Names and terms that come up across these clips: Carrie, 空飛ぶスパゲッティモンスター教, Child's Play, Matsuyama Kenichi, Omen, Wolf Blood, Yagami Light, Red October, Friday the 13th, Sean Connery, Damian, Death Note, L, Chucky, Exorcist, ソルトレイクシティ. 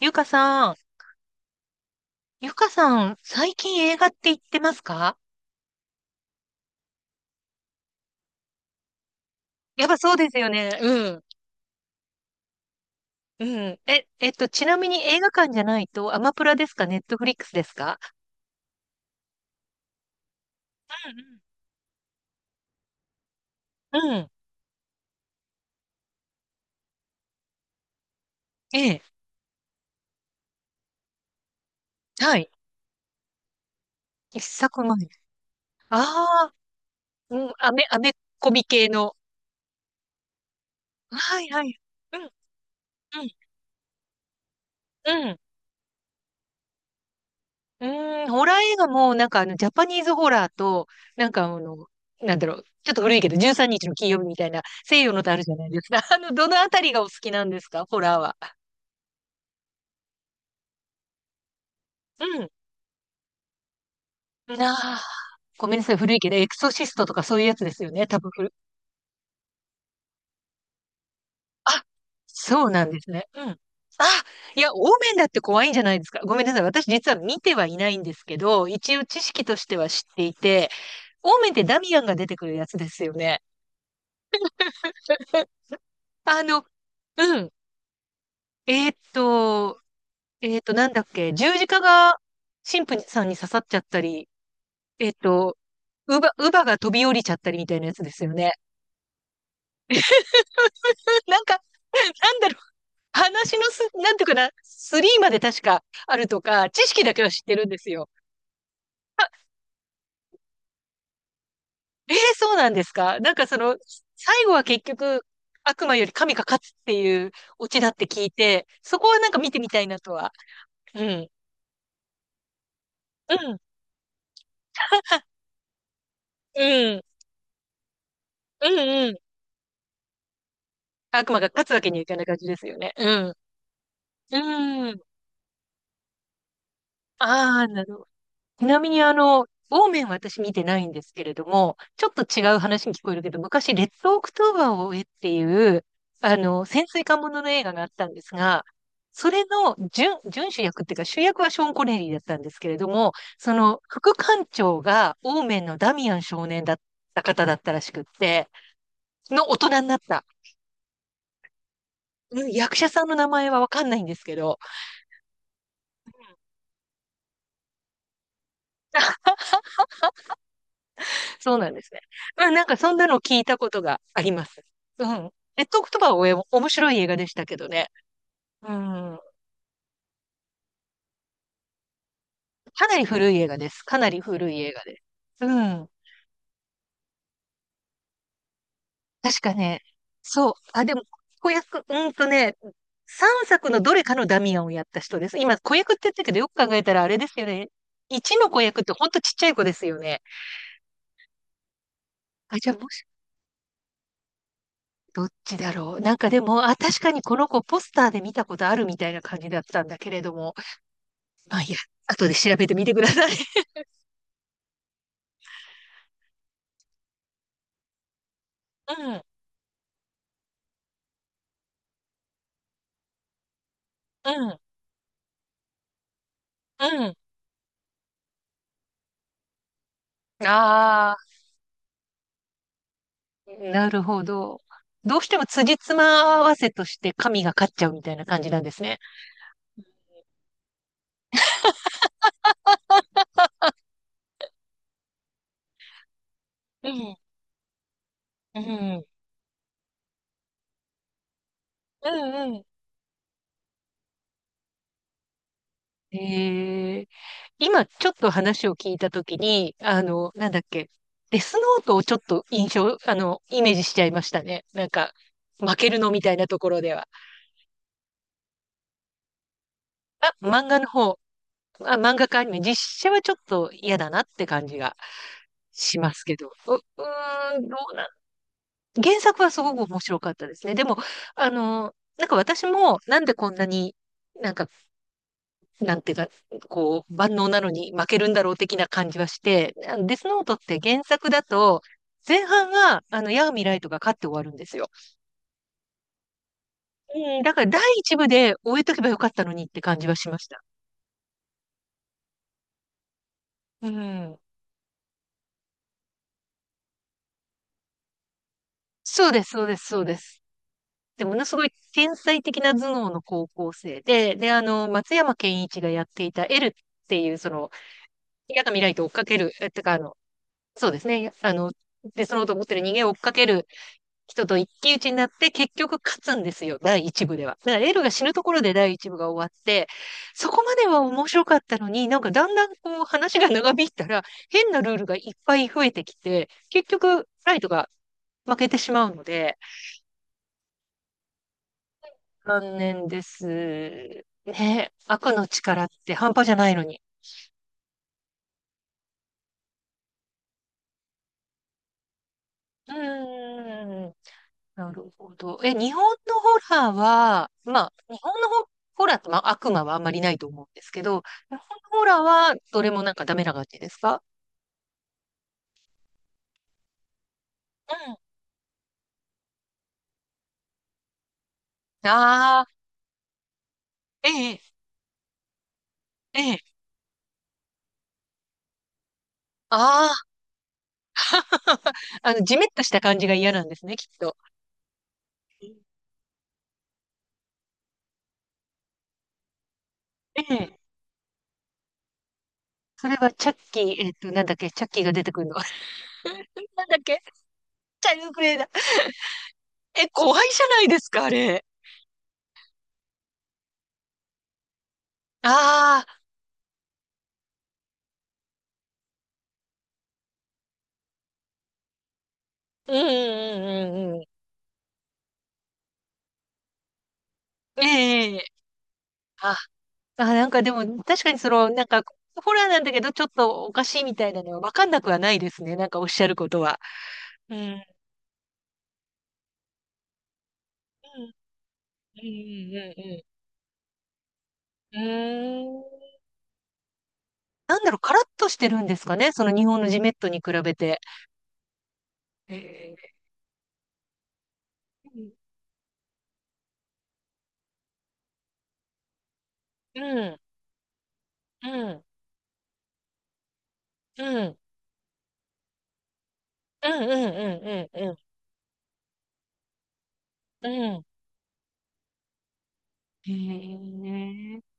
ゆかさん、最近映画って行ってますか？やっぱそうですよね。うん。うん。ちなみに映画館じゃないと、アマプラですか、ネットフリックスですか？うんうん。うん。ええ。はい。一作前。ああ、うん、アメコミ系の。はいはい。うん、うん、うーん、ホラー映画も、ジャパニーズホラーと、なんかあの、ちょっと古いけど、13日の金曜日みたいな、西洋のとあるじゃないですか。あの、どのあたりがお好きなんですか、ホラーは。うん。なあ、ごめんなさい、古いけど、エクソシストとかそういうやつですよね、多分古い。あ、そうなんですね。うん。あ、いや、オーメンだって怖いんじゃないですか。ごめんなさい、私実は見てはいないんですけど、一応知識としては知っていて、オーメンってダミアンが出てくるやつですよね。あの、うん。えーっと、なんだっけ、十字架が神父さんに刺さっちゃったり、えーっと、乳母が飛び降りちゃったりみたいなやつですよね。なんか、なんだろう、話のす、なんていうかな、スリーまで確かあるとか、知識だけは知ってるんですよ。えー、そうなんですか？なんかその、最後は結局、悪魔より神が勝つっていうオチだって聞いて、そこはなんか見てみたいなとは。うん。うん。うん。うん。うん。悪魔が勝つわけにはいかない感じですよね。うん。うん。ああ、なるほど。ちなみにあの、ウーメンは私見てないんですけれども、ちょっと違う話に聞こえるけど、昔、レッドオクトーバーを追えっていう、あの、潜水艦ものの映画があったんですが、それの準、準主役っていうか、主役はショーン・コネリーだったんですけれども、その副艦長がオーメンのダミアン少年だった方だったらしくって、の大人になった。うん、役者さんの名前はわかんないんですけど、そうなんですね。まあなんかそんなの聞いたことがあります。うん。レッドオクトバーはお面白い映画でしたけどね。うん。かなり古い映画です。かなり古い映画です。うん。確かね。そう。あ、でも、子役、うんとね、3作のどれかのダミアンをやった人です。今、子役って言ったけど、よく考えたらあれですよね。1の子役ってほんとちっちゃい子ですよね。あ、じゃあもし、どっちだろう。なんかでも、あ、確かにこの子ポスターで見たことあるみたいな感じだったんだけれども。あ、いや、後で調べてみてください。うん、うん、うん。ああ、なるほど。どうしても辻褄合わせとして神が勝っちゃうみたいな感じなんですね。うん、うん、うんうん。ええ、今ちょっと話を聞いたときに、あの、なんだっけ、デスノートをちょっと印象、あの、イメージしちゃいましたね。なんか、負けるのみたいなところでは。あ、漫画の方、あ、漫画かアニメ、実写はちょっと嫌だなって感じが。しますけど。う、うーん、どうなん、原作はすごく面白かったですね。でも、あの、なんか私もなんでこんなに、なんか、なんていうか、こう、万能なのに負けるんだろう的な感じはして、あのデスノートって原作だと、前半は、あの、ヤーミライトが勝って終わるんですよ。うん、だから第一部で終えとけばよかったのにって感じはしました。うん。そうです、そうです、そうです。で、ものすごい天才的な頭脳の高校生で、で、あの、松山ケンイチがやっていた L っていう、その、嫌な未来と追っかける、え、てか、あの、そうですね、あの、で、そのと思ってる人間を追っかける人と一騎打ちになって、結局勝つんですよ、第一部では。だから L が死ぬところで第一部が終わって、そこまでは面白かったのに、なんかだんだんこう話が長引いたら、変なルールがいっぱい増えてきて、結局、ライトが負けてしまうので、残念です。ね、悪の力って半端じゃないのに。うーん。なるほど。え、日本のホラーは、まあ、日本のホラーって、まあ、悪魔はあんまりないと思うんですけど、日本のホラーはどれもなんかダメな感じですか？うん。ああ、ええ、ええ、ああ、あの、ジメッとした感じが嫌なんですね、きっと。ええ。それはチャッキー、えっと、なんだっけ、チャッキーが出てくるの。なんだっけ、チャイルドプレイだ。え、怖いじゃないですか、あれ。ああ、うんうんうんうん、ええ、あ、あ、なんかでも確かにその、なんか、ホラーなんだけど、ちょっとおかしいみたいなのはわかんなくはないですね。なんかおっしゃることは。うん。うん。うんうんうんうん。うーん。なんだろう、カラッとしてるんですかね。その日本のジメットに比べて。ええ、うん。うん。うん。うん。うんうんうんうんうん。うん。へえ。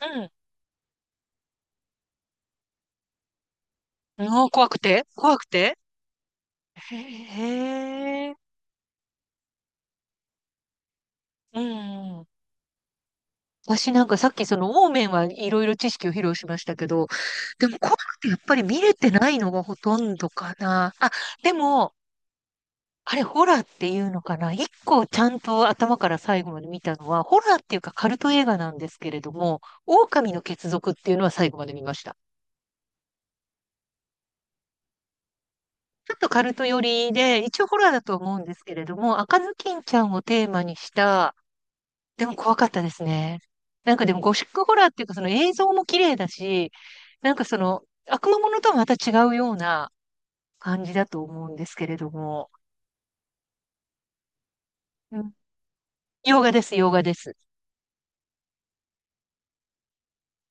うん。うん。怖くて怖くて。へえ。うん。私なんかさっきそのオーメンはいろいろ知識を披露しましたけど、でも怖くてやっぱり見れてないのがほとんどかな。あ、でも、あれホラーっていうのかな。一個ちゃんと頭から最後まで見たのは、ホラーっていうかカルト映画なんですけれども、狼の血族っていうのは最後まで見ました。ちょっとカルト寄りで、一応ホラーだと思うんですけれども、赤ずきんちゃんをテーマにした、でも怖かったですね。なんかでもゴシックホラーっていうか、その映像も綺麗だし、なんかその悪魔ものとはまた違うような感じだと思うんですけれども、うん、洋画です、洋画です。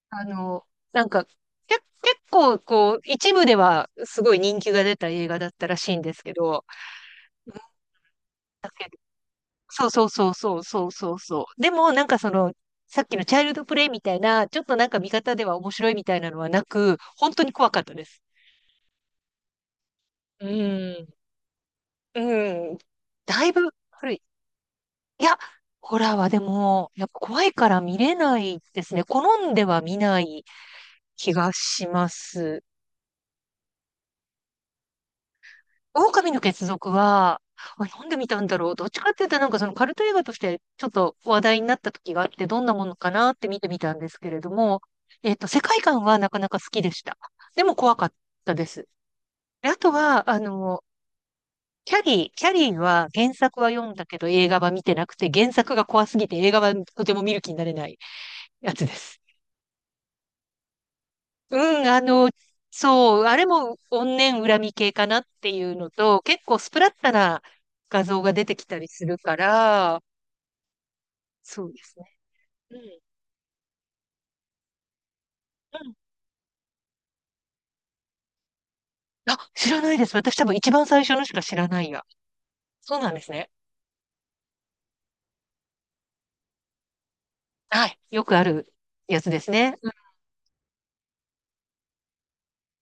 あの、なんか、け、結構こう一部ではすごい人気が出た映画だったらしいんですけど、うん、そうそうそうそうそうそうそう。でもなんかその、さっきのチャイルドプレイみたいな、ちょっとなんか見方では面白いみたいなのはなく、本当に怖かったです。うん。うん。だいぶ古い。いや、ホラーはでも、やっぱ怖いから見れないですね。好んでは見ない気がします。狼の血族は、あ、なんで見たんだろう。どっちかって言ったらなんかそのカルト映画としてちょっと話題になった時があって、どんなものかなって見てみたんですけれども、えっと、世界観はなかなか好きでした。でも怖かったです。であとは、あの、キャリーは原作は読んだけど映画は見てなくて、原作が怖すぎて映画はとても見る気になれないやつです。うん、あの、そう、あれも怨念恨み系かなっていうのと、結構スプラッタな画像が出てきたりするから、そうですね。うん。うん。あ、知らないです。私多分一番最初のしか知らないや。そうなんですね。はい。よくあるやつですね。